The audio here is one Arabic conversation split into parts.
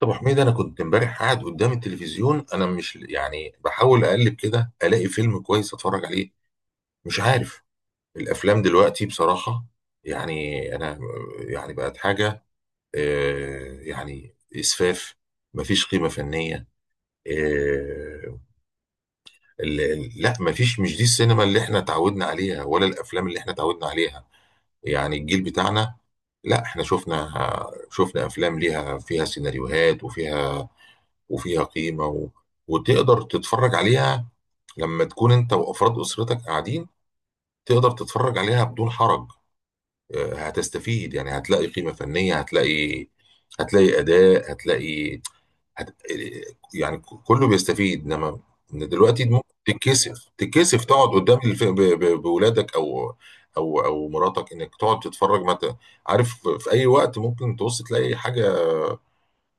طب يا حميد، انا كنت امبارح قاعد قدام التلفزيون. انا مش بحاول اقلب كده الاقي فيلم كويس اتفرج عليه. مش عارف الافلام دلوقتي بصراحة، يعني انا يعني بقت حاجة، آه، يعني اسفاف. مفيش قيمة فنية. آه، لا، مفيش. مش دي السينما اللي احنا اتعودنا عليها، ولا الافلام اللي احنا اتعودنا عليها. يعني الجيل بتاعنا، لا احنا شفنا. شفنا افلام ليها، فيها سيناريوهات، وفيها قيمة وتقدر تتفرج عليها لما تكون انت وافراد اسرتك قاعدين. تقدر تتفرج عليها بدون حرج. آه، هتستفيد، يعني هتلاقي قيمة فنية، هتلاقي، هتلاقي اداء، هتلاقي، هت... آه، يعني كله بيستفيد. انما إن دلوقتي ممكن تتكسف تقعد قدام بولادك او مراتك، انك تقعد تتفرج. ما ت... عارف، في اي وقت ممكن تبص تلاقي حاجة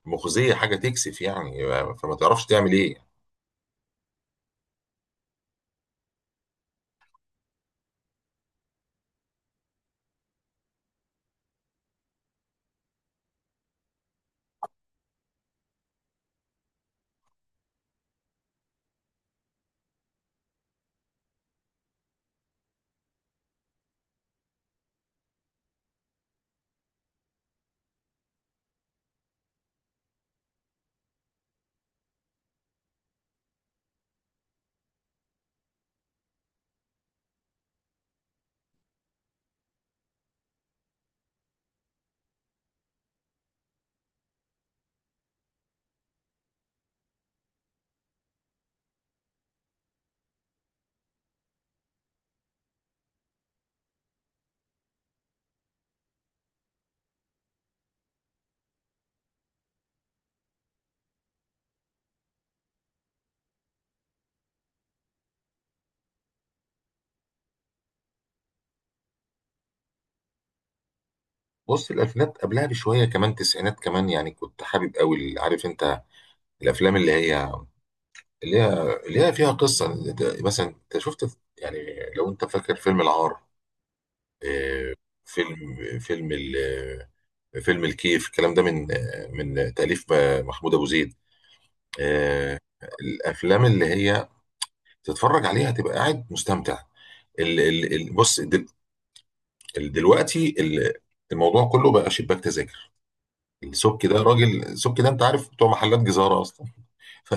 مخزية، حاجة تكسف. يعني آه، فما تعرفش تعمل ايه. بص، الالفينات قبلها بشويه كمان، تسعينات كمان، يعني كنت حابب قوي عارف انت الافلام اللي هي، اللي هي اللي هي فيها قصه. مثلا انت شفت يعني لو انت فاكر فيلم العار، آه، فيلم فيلم ال- فيلم الكيف، الكلام ده من من تاليف محمود ابو زيد، آه. الافلام اللي هي تتفرج عليها تبقى قاعد مستمتع. بص، دلوقتي الموضوع كله بقى شباك تذاكر. السبكي ده راجل، السبكي ده انت عارف، بتوع محلات جزارة اصلا. ف-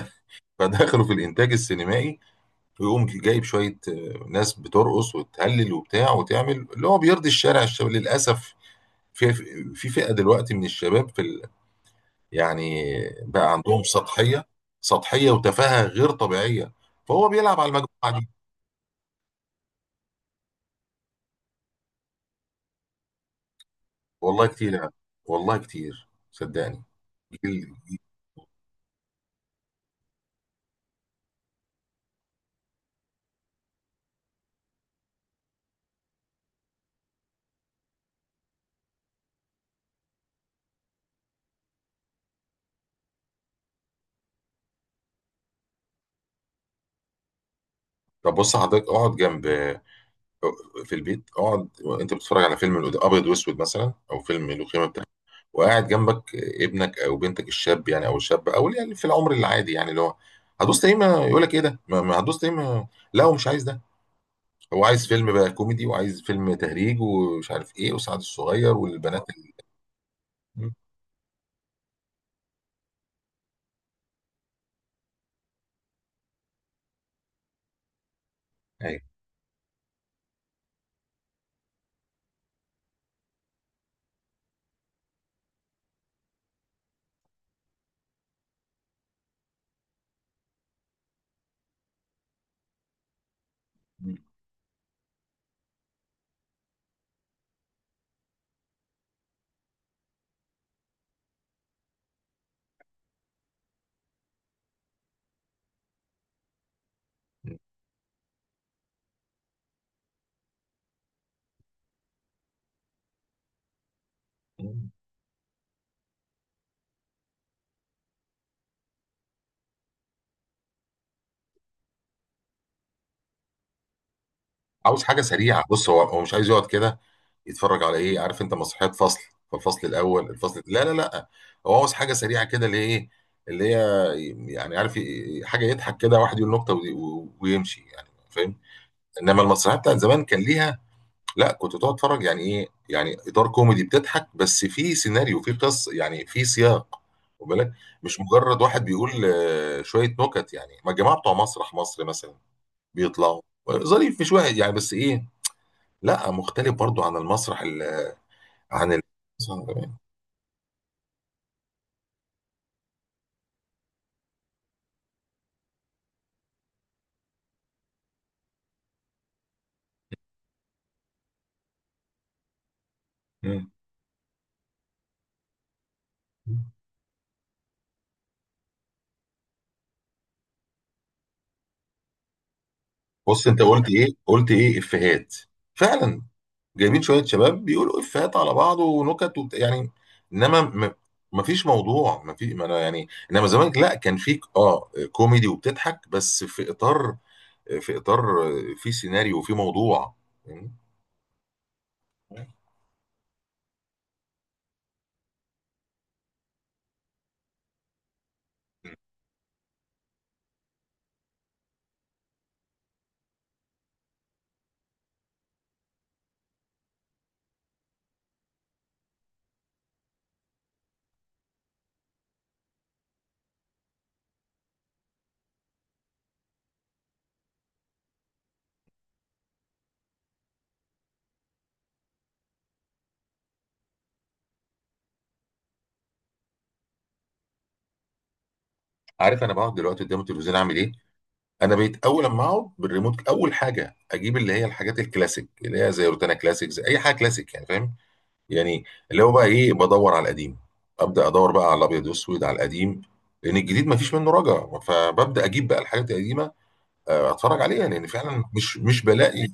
فدخلوا في الانتاج السينمائي، ويقوم جايب شوية، آه، ناس بترقص وتهلل وبتاع، وتعمل اللي هو بيرضي الشارع، الشباب للأسف. في في فئة دلوقتي من الشباب في ال... يعني بقى عندهم سطحية. سطحية وتفاهة غير طبيعية، فهو بيلعب على المجموعة دي. والله كتير يعني، والله كتير صدقني. جيل- طب بص حضرتك، اقعد جنب، في البيت اقعد، انت بتتفرج على فيلم ابيض واسود مثلا، او فيلم له قيمه بتاع وقاعد جنبك ابنك او بنتك الشاب، يعني او الشاب او اللي يعني في العمر العادي، يعني اللي هو هتدوس تقييمه، يقول لك ايه ده؟ ما ما هتدوس تقييمه. لا، هو مش عايز ده. هو عايز فيلم بقى كوميدي، وعايز فيلم تهريج ومش عارف ايه، وسعد الصغير والبنات م. ايوه. م. م. عاوز حاجه سريعه. بص، هو هو مش عايز يقعد كده يتفرج على ايه، عارف انت، مسرحيات فصل، فالفصل الاول الفصل، لا لا لا، هو عاوز حاجه سريعه كده، اللي هي ايه، اللي هي، يعني عارف حاجه يضحك كده، واحد يقول نكته ويمشي، يعني فاهم. انما المسرحيات بتاعت زمان كان ليها، لا كنت تقعد تتفرج. يعني ايه يعني؟ اطار كوميدي بتضحك، بس في سيناريو، في قصه، يعني في سياق، واخد بالك، مش مجرد واحد بيقول، آه، شويه نكت. يعني ما الجماعه بتوع مسرح مصر مثلا بيطلعوا ظريف مش واحد يعني، بس ايه، لا مختلف برضو عن المسرح عن مم. بص، انت قلت ايه؟ قلت ايه؟ افيهات، فعلا. جايبين شويه شباب بيقولوا افيهات على بعض ونكت يعني انما ما فيش موضوع. ما في ما انا يعني انما زمان لا، كان فيك اه كوميدي وبتضحك، بس في اطار، في اطار، في سيناريو، وفي موضوع. مم. عارف انا بقعد دلوقتي قدام التلفزيون اعمل ايه؟ انا بقيت اول لما اقعد بالريموت، اول حاجه اجيب اللي هي الحاجات الكلاسيك، اللي هي زي روتانا كلاسيك، زي اي حاجه كلاسيك، يعني فاهم يعني، اللي هو بقى ايه، بدور على القديم، ابدا ادور بقى على الابيض والاسود على القديم. لان الجديد ما فيش منه رجا، فببدا اجيب بقى الحاجات القديمه، آه، اتفرج عليها، لان فعلا مش، مش بلاقي.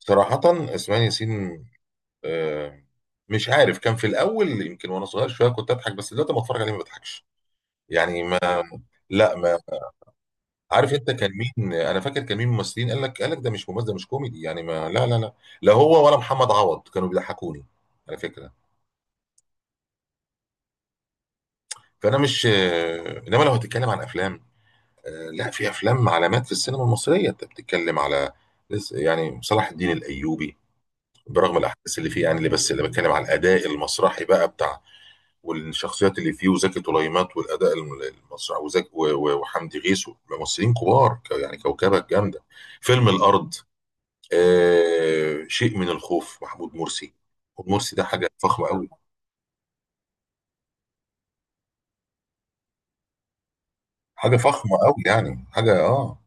صراحه اسماعيل ياسين، آه، مش عارف، كان في الاول يمكن وانا صغير شويه كنت اضحك، بس دلوقتي ما اتفرج عليه ما بضحكش. يعني ما لا ما عارف انت كان مين؟ انا فاكر كان مين ممثلين قال لك، قال لك ده مش ممثل، ده مش كوميدي يعني، ما لا لا لا. لا هو ولا محمد عوض كانوا بيضحكوني، على فكره. فانا مش، آه، انما لو هتتكلم عن افلام، آه، لا في افلام علامات في السينما المصريه. انت بتتكلم على يعني صلاح الدين الايوبي، برغم الاحداث اللي فيه، يعني اللي بس اللي بتكلم على الاداء المسرحي بقى بتاع، والشخصيات اللي فيه، وزكي طليمات، والاداء المسرحي، وزكي وحمدي غيث، ممثلين كبار، يعني كوكبه جامده. فيلم الارض، آه، شيء من الخوف، محمود مرسي. محمود مرسي ده حاجه فخمه قوي. حاجه فخمه قوي، يعني حاجه اه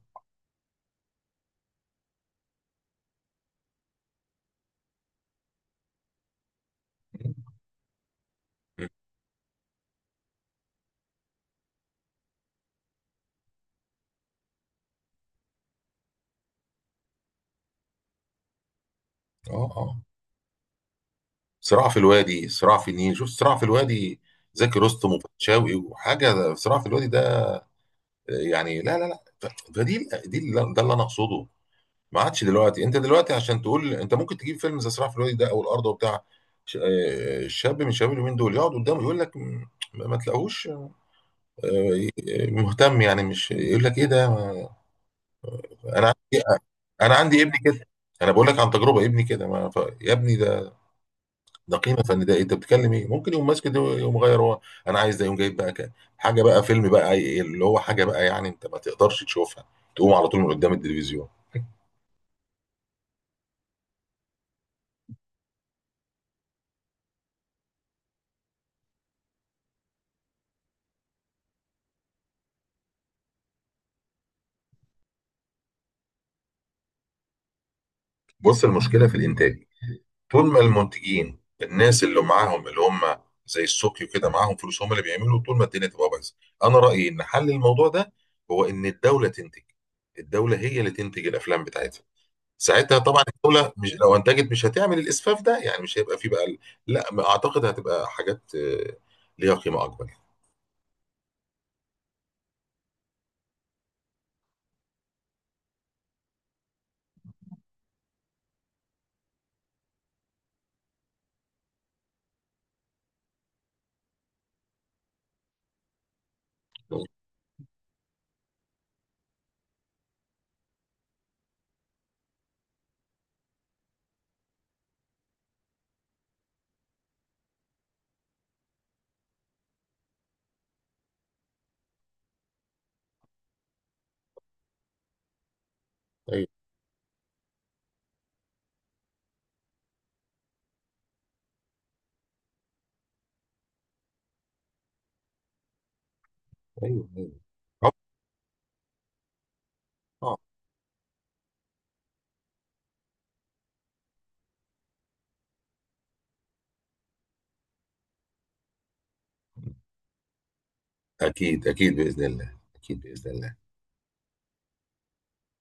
اه اه. صراع في الوادي، صراع في النيل، شوف صراع في الوادي، زكي رستم وفتشاوي وحاجه. صراع في الوادي ده، آه، يعني لا لا لا، فدي، دي ده اللي انا اقصده. ما عادش دلوقتي، انت دلوقتي عشان تقول انت ممكن تجيب فيلم زي صراع في الوادي ده او الارض وبتاع، شاب من شباب اليومين دول يقعد قدامه، يقول لك ما تلاقوش، آه، مهتم. يعني مش يقول لك ايه ده؟ انا عندي، انا عندي ابني كده. انا بقول لك عن تجربه، ابني كده ما ف... يا ابني، ده ده قيمه فن، ده انت بتتكلم ايه؟ ممكن يقوم ماسك ده يقوم غير هو. انا عايز ده، يقوم جايب بقى حاجه بقى، فيلم بقى، أي- إيه، اللي هو حاجه بقى، يعني انت ما تقدرش تشوفها تقوم على طول من قدام التلفزيون. بص، المشكله في الانتاج. طول ما المنتجين الناس اللي معاهم اللي هم زي السوقي كده معاهم فلوس، هم اللي بيعملوا، طول ما الدنيا تبقى بايظه. انا رايي ان حل الموضوع ده هو ان الدوله تنتج. الدوله هي اللي تنتج الافلام بتاعتها. ساعتها طبعا الدوله مش لو انتجت، مش هتعمل الاسفاف ده، يعني مش هيبقى فيه بقى لا، ما اعتقد، هتبقى حاجات، آه، ليها قيمه اكبر يعني. ايوه، ايوه، ايوه، آه، آه، اكيد، اكيد باذن الله، اكيد باذن الله.